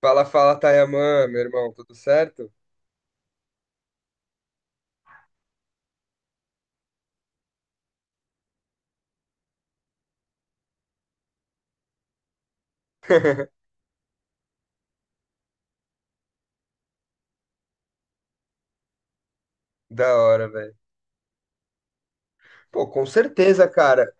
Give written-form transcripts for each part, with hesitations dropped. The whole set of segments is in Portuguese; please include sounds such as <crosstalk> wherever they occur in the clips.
Fala, fala, Tayaman, meu irmão, tudo certo? <laughs> Da hora, velho. Pô, com certeza, cara.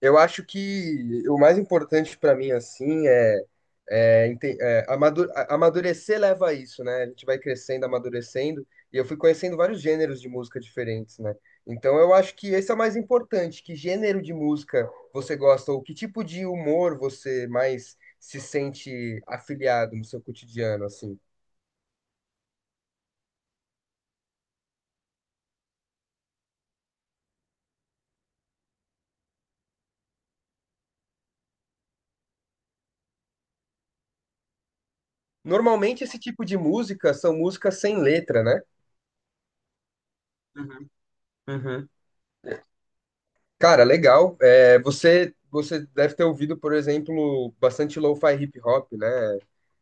Eu acho que o mais importante pra mim, assim, amadurecer leva a isso, né? A gente vai crescendo, amadurecendo, e eu fui conhecendo vários gêneros de música diferentes, né? Então eu acho que esse é o mais importante. Que gênero de música você gosta, ou que tipo de humor você mais se sente afiliado no seu cotidiano, assim? Normalmente esse tipo de música são músicas sem letra, né? Uhum, uhum. Cara, legal. É, você deve ter ouvido, por exemplo, bastante lo-fi hip hop, né?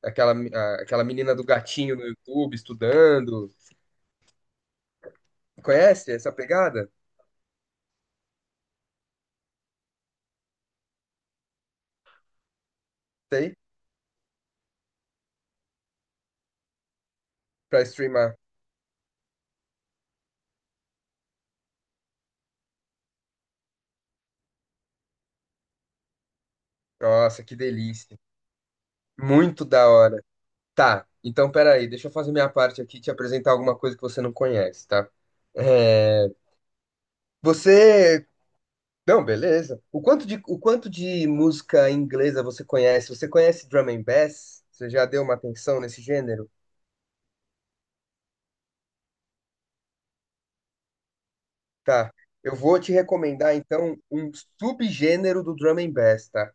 Aquela, a- aquela menina do gatinho no YouTube estudando. Conhece essa pegada? Tem? Pra streamar. Nossa, que delícia. Muito da hora. Tá, então peraí, deixa eu fazer minha parte aqui e te apresentar alguma coisa que você não conhece, tá? É, você Não, beleza. O quanto de música inglesa você conhece? Você conhece drum and bass? Você já deu uma atenção nesse gênero? Tá. Eu vou te recomendar, então, um subgênero do drum and bass, tá?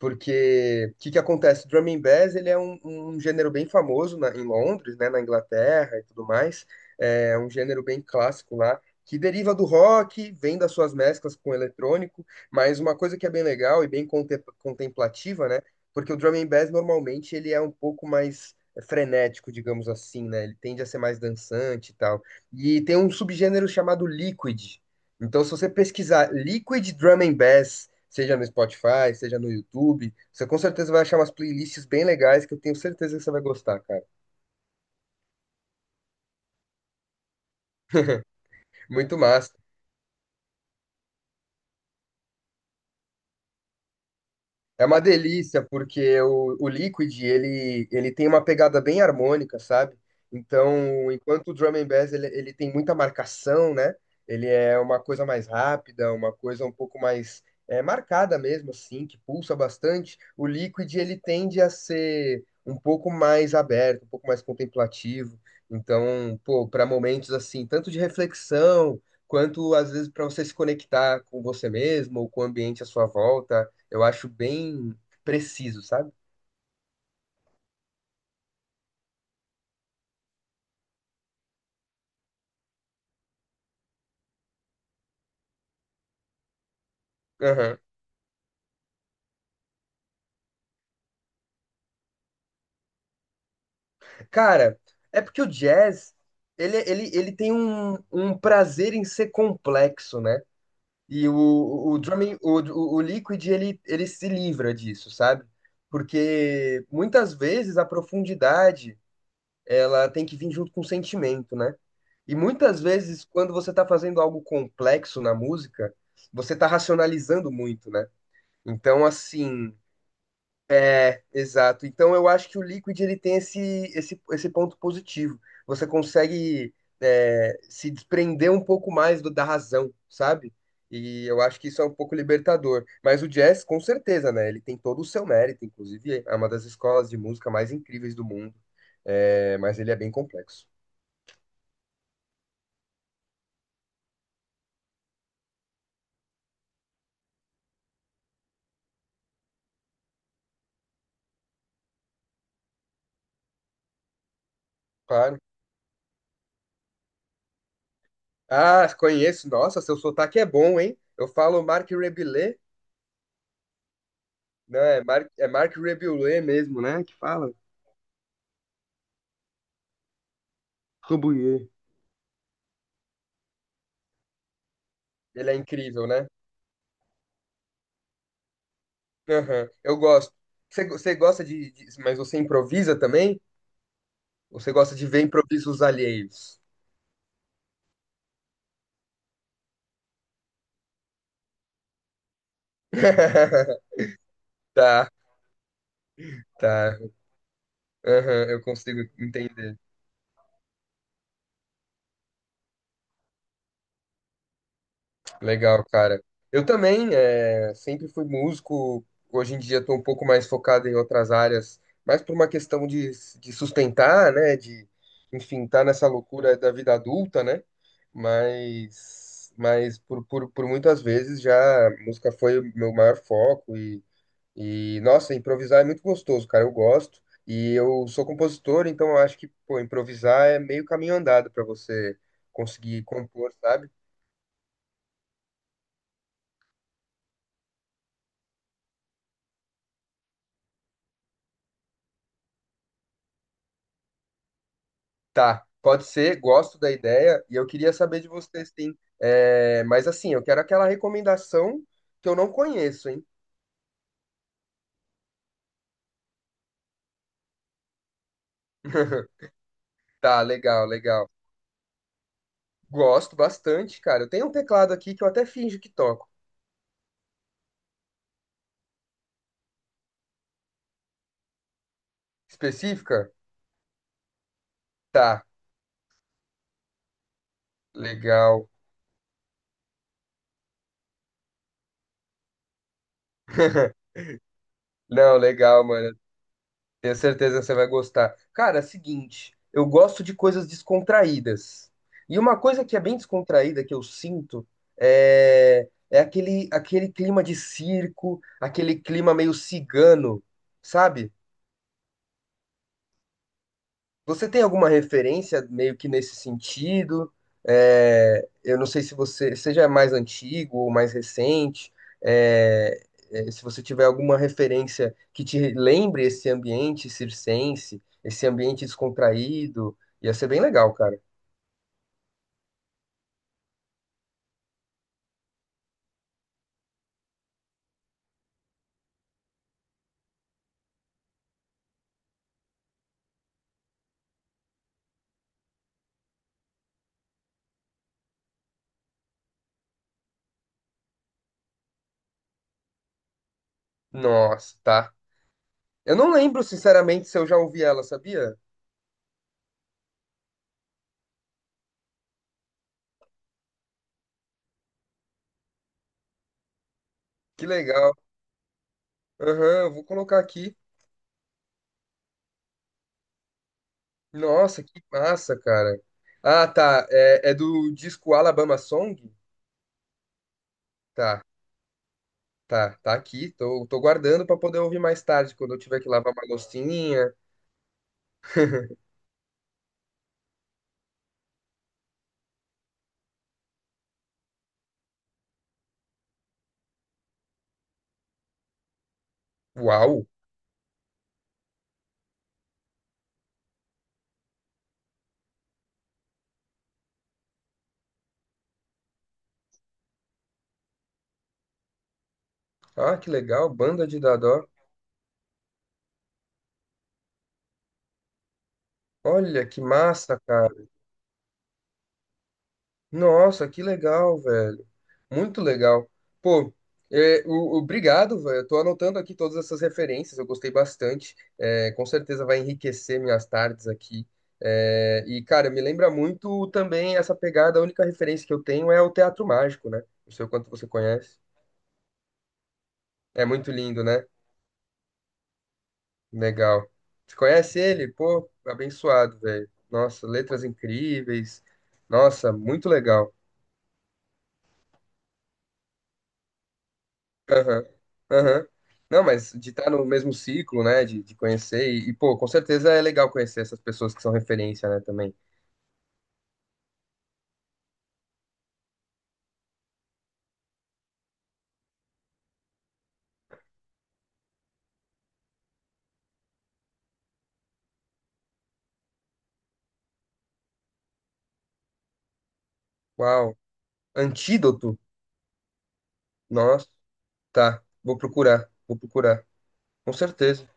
Porque o que que acontece? O Drum and Bass, ele é um gênero bem famoso em Londres, né, na Inglaterra e tudo mais. É um gênero bem clássico lá, que deriva do rock, vem das suas mesclas com o eletrônico, mas uma coisa que é bem legal e bem contemplativa, né? Porque o Drum and Bass normalmente ele é um pouco mais frenético, digamos assim, né? Ele tende a ser mais dançante e tal. E tem um subgênero chamado liquid, então, se você pesquisar Liquid Drum and Bass, seja no Spotify, seja no YouTube, você com certeza vai achar umas playlists bem legais que eu tenho certeza que você vai gostar, cara. Muito massa. É uma delícia, porque o Liquid, ele tem uma pegada bem harmônica, sabe? Então, enquanto o Drum and Bass, ele tem muita marcação, né? Ele é uma coisa mais rápida, uma coisa um pouco mais é, marcada mesmo, assim, que pulsa bastante. O Liquid, ele tende a ser um pouco mais aberto, um pouco mais contemplativo. Então, pô, para momentos assim, tanto de reflexão, quanto às vezes para você se conectar com você mesmo ou com o ambiente à sua volta. Eu acho bem preciso, sabe? Aham. Cara, é porque o jazz, ele tem um prazer em ser complexo, né? E o drum, and- o Liquid, ele se livra disso, sabe? Porque muitas vezes a profundidade, ela tem que vir junto com o sentimento, né? E muitas vezes, quando você tá fazendo algo complexo na música, você tá racionalizando muito, né? Então, assim, exato. Então eu acho que o Liquid ele tem esse ponto positivo. Você consegue é, se desprender um pouco mais da razão, sabe? E eu acho que isso é um pouco libertador. Mas o jazz, com certeza, né? Ele tem todo o seu mérito, inclusive é uma das escolas de música mais incríveis do mundo. É, mas ele é bem complexo. Claro. Ah, conheço. Nossa, seu sotaque é bom, hein? Eu falo Marc Rebelé, né? É Marc Rebelé mesmo, né? Que fala. Rebouillet. Ele é incrível, né? Aham, eu gosto. Você gosta de- Mas você improvisa também? Ou você gosta de ver improvisos alheios? <laughs> Tá, tá. Aham, eu consigo entender. Legal, cara. Eu também é, sempre fui músico. Hoje em dia estou um pouco mais focado em outras áreas, mais por uma questão de sustentar, né? De, enfim, tá nessa loucura da vida adulta, né? Mas, mas por muitas vezes já a música foi o meu maior foco. E, nossa, improvisar é muito gostoso, cara. Eu gosto. E eu sou compositor, então eu acho que, pô, improvisar é meio caminho andado pra você conseguir compor, sabe? Tá, pode ser, gosto da ideia. E eu queria saber de vocês, sim. É, mas assim, eu quero aquela recomendação que eu não conheço, hein? <laughs> Tá, legal, legal. Gosto bastante, cara. Eu tenho um teclado aqui que eu até finjo que toco. Específica? Tá, legal. Não, legal, mano. Tenho certeza que você vai gostar. Cara, é o seguinte, eu gosto de coisas descontraídas. E uma coisa que é bem descontraída que eu sinto é, é aquele clima de circo, aquele clima meio cigano, sabe? Você tem alguma referência meio que nesse sentido? É, eu não sei se você seja mais antigo ou mais recente, é, se você tiver alguma referência que te lembre esse ambiente circense, esse ambiente descontraído, ia ser bem legal, cara. Nossa, tá. Eu não lembro, sinceramente, se eu já ouvi ela, sabia? Que legal. Aham, eu vou colocar aqui. Nossa, que massa, cara. Ah, tá. É, é do disco Alabama Song? Tá. Tá, tá aqui. Tô, tô guardando pra poder ouvir mais tarde, quando eu tiver que lavar uma loucinha. Uau! Ah, que legal, Banda de Dadó. Olha que massa, cara. Nossa, que legal, velho. Muito legal. Pô, obrigado, velho. Eu tô anotando aqui todas essas referências, eu gostei bastante. É, com certeza vai enriquecer minhas tardes aqui. É, e, cara, me lembra muito também essa pegada. A única referência que eu tenho é o Teatro Mágico, né? Não sei o quanto você conhece. É muito lindo, né? Legal. Você conhece ele? Pô, abençoado, velho. Nossa, letras incríveis. Nossa, muito legal. Aham, aham. Não, mas de estar no mesmo ciclo, né? De conhecer. Pô, com certeza é legal conhecer essas pessoas que são referência, né? Também. Uau. Antídoto? Nossa, tá. Vou procurar, vou procurar. Com certeza.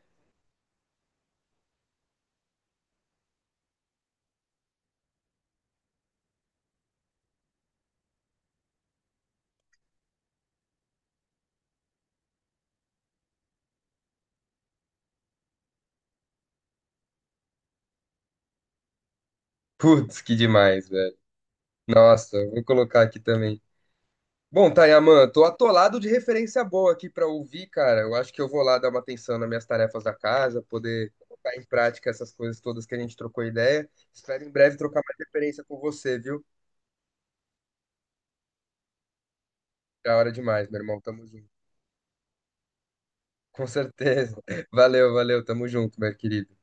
Putz, que demais, velho. Nossa, vou colocar aqui também. Bom, Tayaman, tô atolado de referência boa aqui pra ouvir, cara. Eu acho que eu vou lá dar uma atenção nas minhas tarefas da casa, poder colocar em prática essas coisas todas que a gente trocou ideia. Espero em breve trocar mais referência com você, viu? Da hora demais, meu irmão. Tamo junto. Com certeza. <laughs> Valeu, valeu. Tamo junto, meu querido.